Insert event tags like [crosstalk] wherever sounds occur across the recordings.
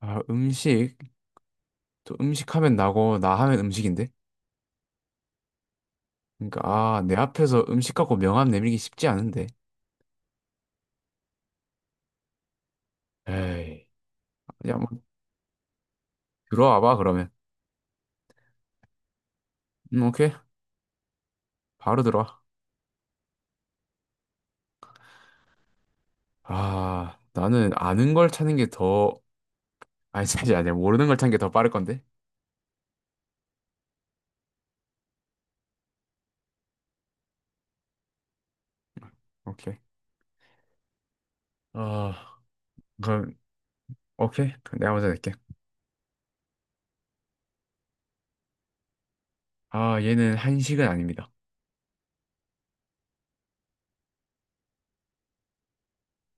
아, 음식. 또 음식 하면 나고, 나 하면 음식인데? 그러니까, 아, 내 앞에서 음식 갖고 명함 내밀기 쉽지 않은데. 에이, 야, 뭐, 들어와 봐, 그러면. 오케이. 바로 들어와. 아, 나는 아는 걸 찾는 게 더, 아니, 사실 아니야. 모르는 걸 찾는 게 더 빠를 건데? 오케이. 아, 그럼, 오케이. 그럼 내가 먼저 낼게. 아, 얘는 한식은 아닙니다.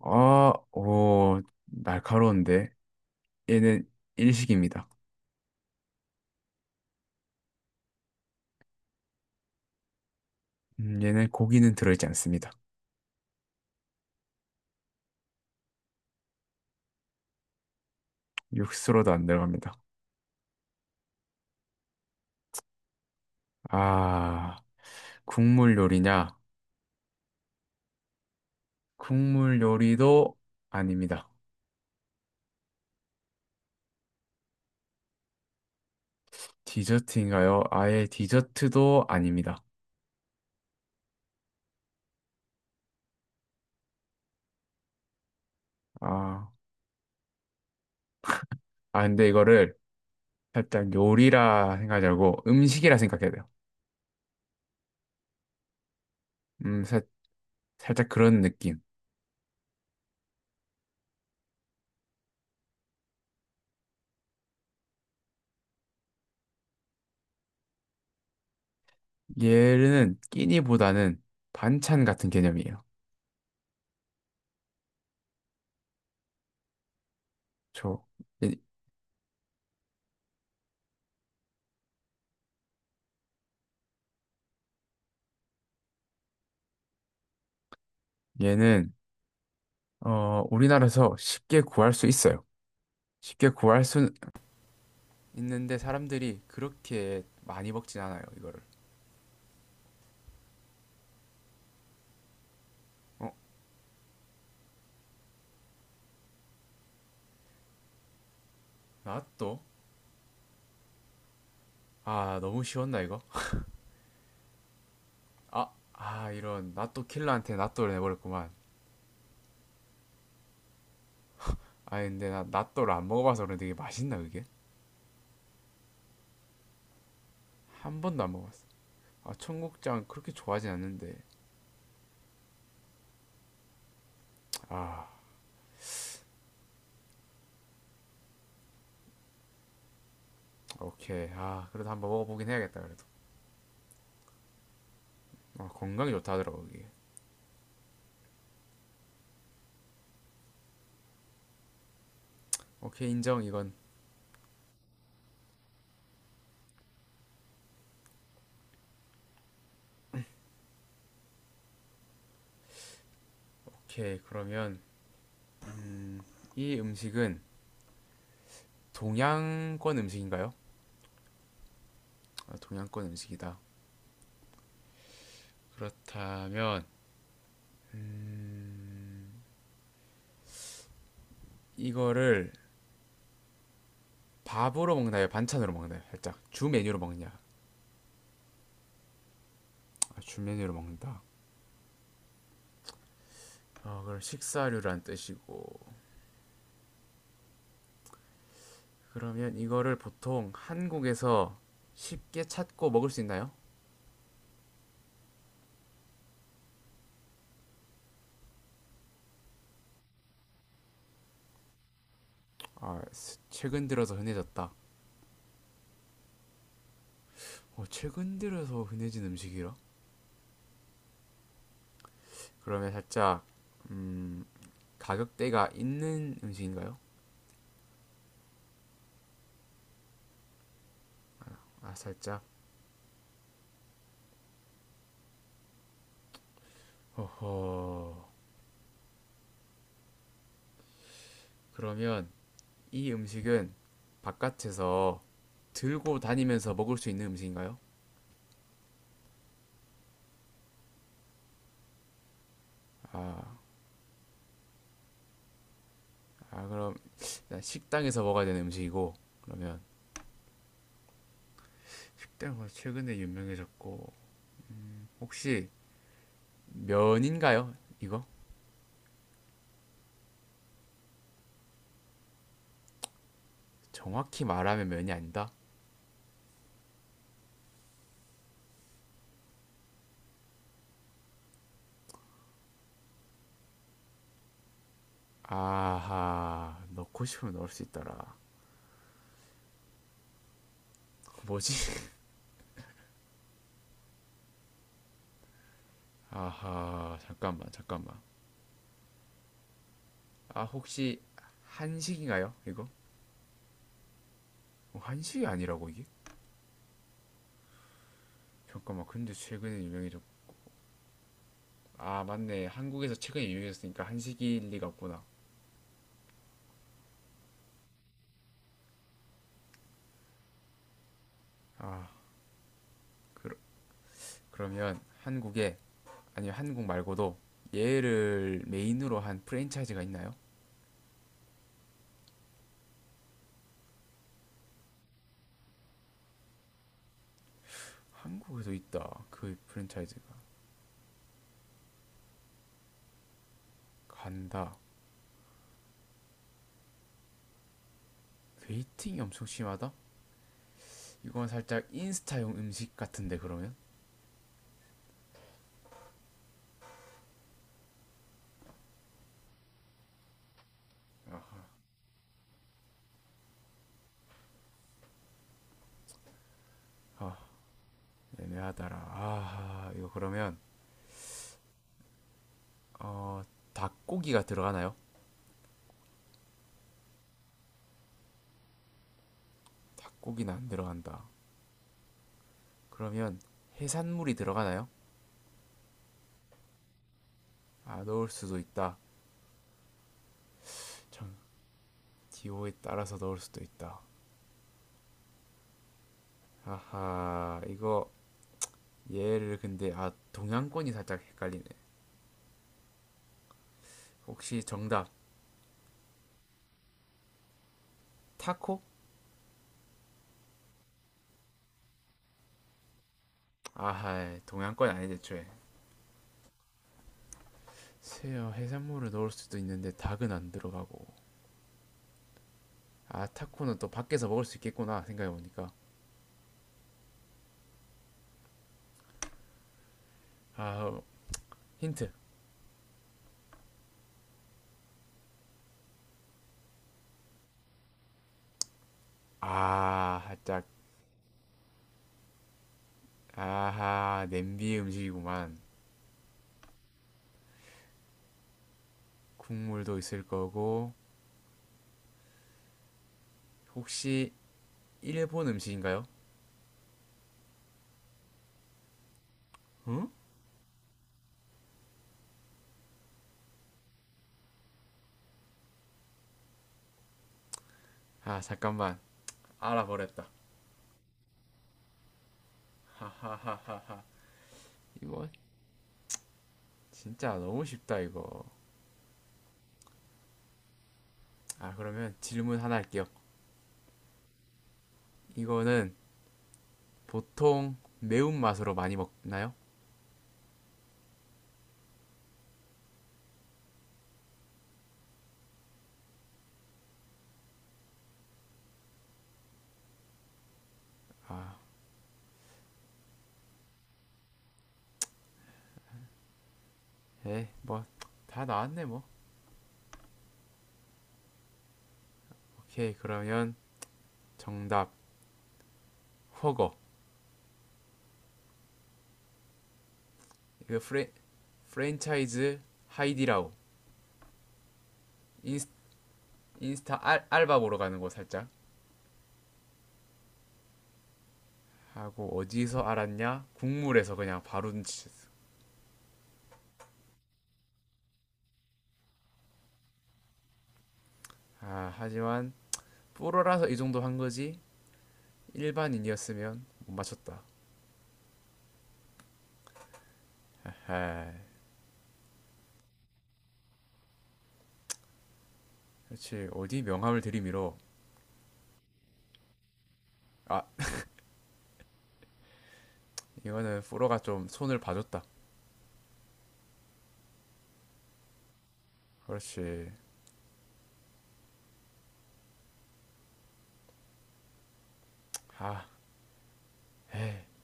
아, 오, 날카로운데. 얘는 일식입니다. 얘는 고기는 들어있지 않습니다. 육수로도 안 들어갑니다. 아, 국물 요리냐? 국물 요리도 아닙니다. 디저트인가요? 아예 디저트도 아닙니다. 아, 아, 근데 이거를 살짝 요리라 생각하지 말고 음식이라 생각해야 돼요. 음, 살, 살짝 그런 느낌. 얘는 끼니보다는 반찬 같은 개념이에요. 저, 얘- 얘는, 어, 우리나라에서 쉽게 구할 수 있어요. 쉽게 구할 수 있는데 사람들이 그렇게 많이 먹진 않아요, 이거를. 어? 나또? 아, 너무 쉬웠나 이거? 아, 아 이런 나또 킬러한테 나또를 내버렸구만. 아 근데 나 나또를 안 먹어봐서 그런데 이게 맛있나 그게? 한 번도 안 먹어봤어. 아 청국장 그렇게 좋아하진 않는데. 아 오케이, 아 그래도 한번 먹어보긴 해야겠다 그래도. 아, 건강에 좋다 하더라고 이게. 오케이 인정 이건. 오케이 그러면 이 음식은 동양권 음식인가요? 아, 동양권 음식이다. 그렇다면 이거를 밥으로 먹나요? 반찬으로 먹나요? 살짝 주 메뉴로 먹냐? 아, 주메뉴로 먹는다. 어, 그럼 식사류란 뜻이고. 그러면 이거를 보통 한국에서 쉽게 찾고 먹을 수 있나요? 아, 최근 들어서 흔해졌다. 어, 최근 들어서 흔해진 음식이라? 그러면 살짝, 음, 가격대가 있는 음식인가요? 아, 살짝. 허허. 그러면 이 음식은 바깥에서 들고 다니면서 먹을 수 있는 음식인가요? 아, 아 그럼 식당에서 먹어야 되는 음식이고, 그러면 식당가 최근에 유명해졌고, 혹시 면인가요? 이거? 정확히 말하면 면이 아니다. 아하 넣고 싶으면 넣을 수 있더라. 뭐지? [laughs] 아하 잠깐만 잠깐만. 아 혹시 한식인가요? 이거? 어, 한식이 아니라고 이게? 잠깐만 근데 최근에 유명해졌고, 아 맞네, 한국에서 최근에 유명해졌으니까 한식일 리가 없구나. 그러, 그러면 한국에, 아니 한국 말고도 얘를 메인으로 한 프랜차이즈가 있나요? 한국에도 있다. 그 프랜차이즈가 간다. 웨이팅이 엄청 심하다. 이건 살짝 인스타용 음식 같은데 그러면. 아 애매하다라. 아 이거 그러면 어 닭고기가 들어가나요? 닭고기는 안 들어간다. 그러면 해산물이 들어가나요? 아 넣을 수도 있다. 참, 기호에 따라서 넣을 수도 있다. 아하 이거 얘를 근데 아 동양권이 살짝 헷갈리네. 혹시 정답 타코? 아하 동양권 아니지 애초에. 새어 해산물을 넣을 수도 있는데 닭은 안 들어가고. 아 타코는 또 밖에서 먹을 수 있겠구나 생각해보니까. 아 어, 힌트. 아 살짝 아하 냄비 음식이구만. 국물도 있을 거고 혹시 일본 음식인가요? 응? 아 잠깐만 알아버렸다. 하하하하하 이거 진짜 너무 쉽다 이거. 아 그러면 질문 하나 할게요. 이거는 보통 매운맛으로 많이 먹나요? 아 에이 뭐 다 나왔네 뭐. 오케이 그러면 정답. 허거. 이거 프레 프랜차이즈 하이디라우. 인스, 인스타 알바 보러 가는 거 살짝 하고, 어디서 알았냐 국물에서 그냥 바로 눈치챘어. 아 하지만 프로라서 이 정도 한 거지. 일반인이었으면 못 맞췄다. 에헤. 그렇지 어디 명함을 들이밀어. 아 이거는 프로가 좀 손을 봐줬다. 그렇지. 아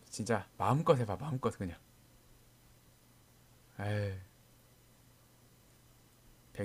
진짜 마음껏 해봐 마음껏 그냥. 에이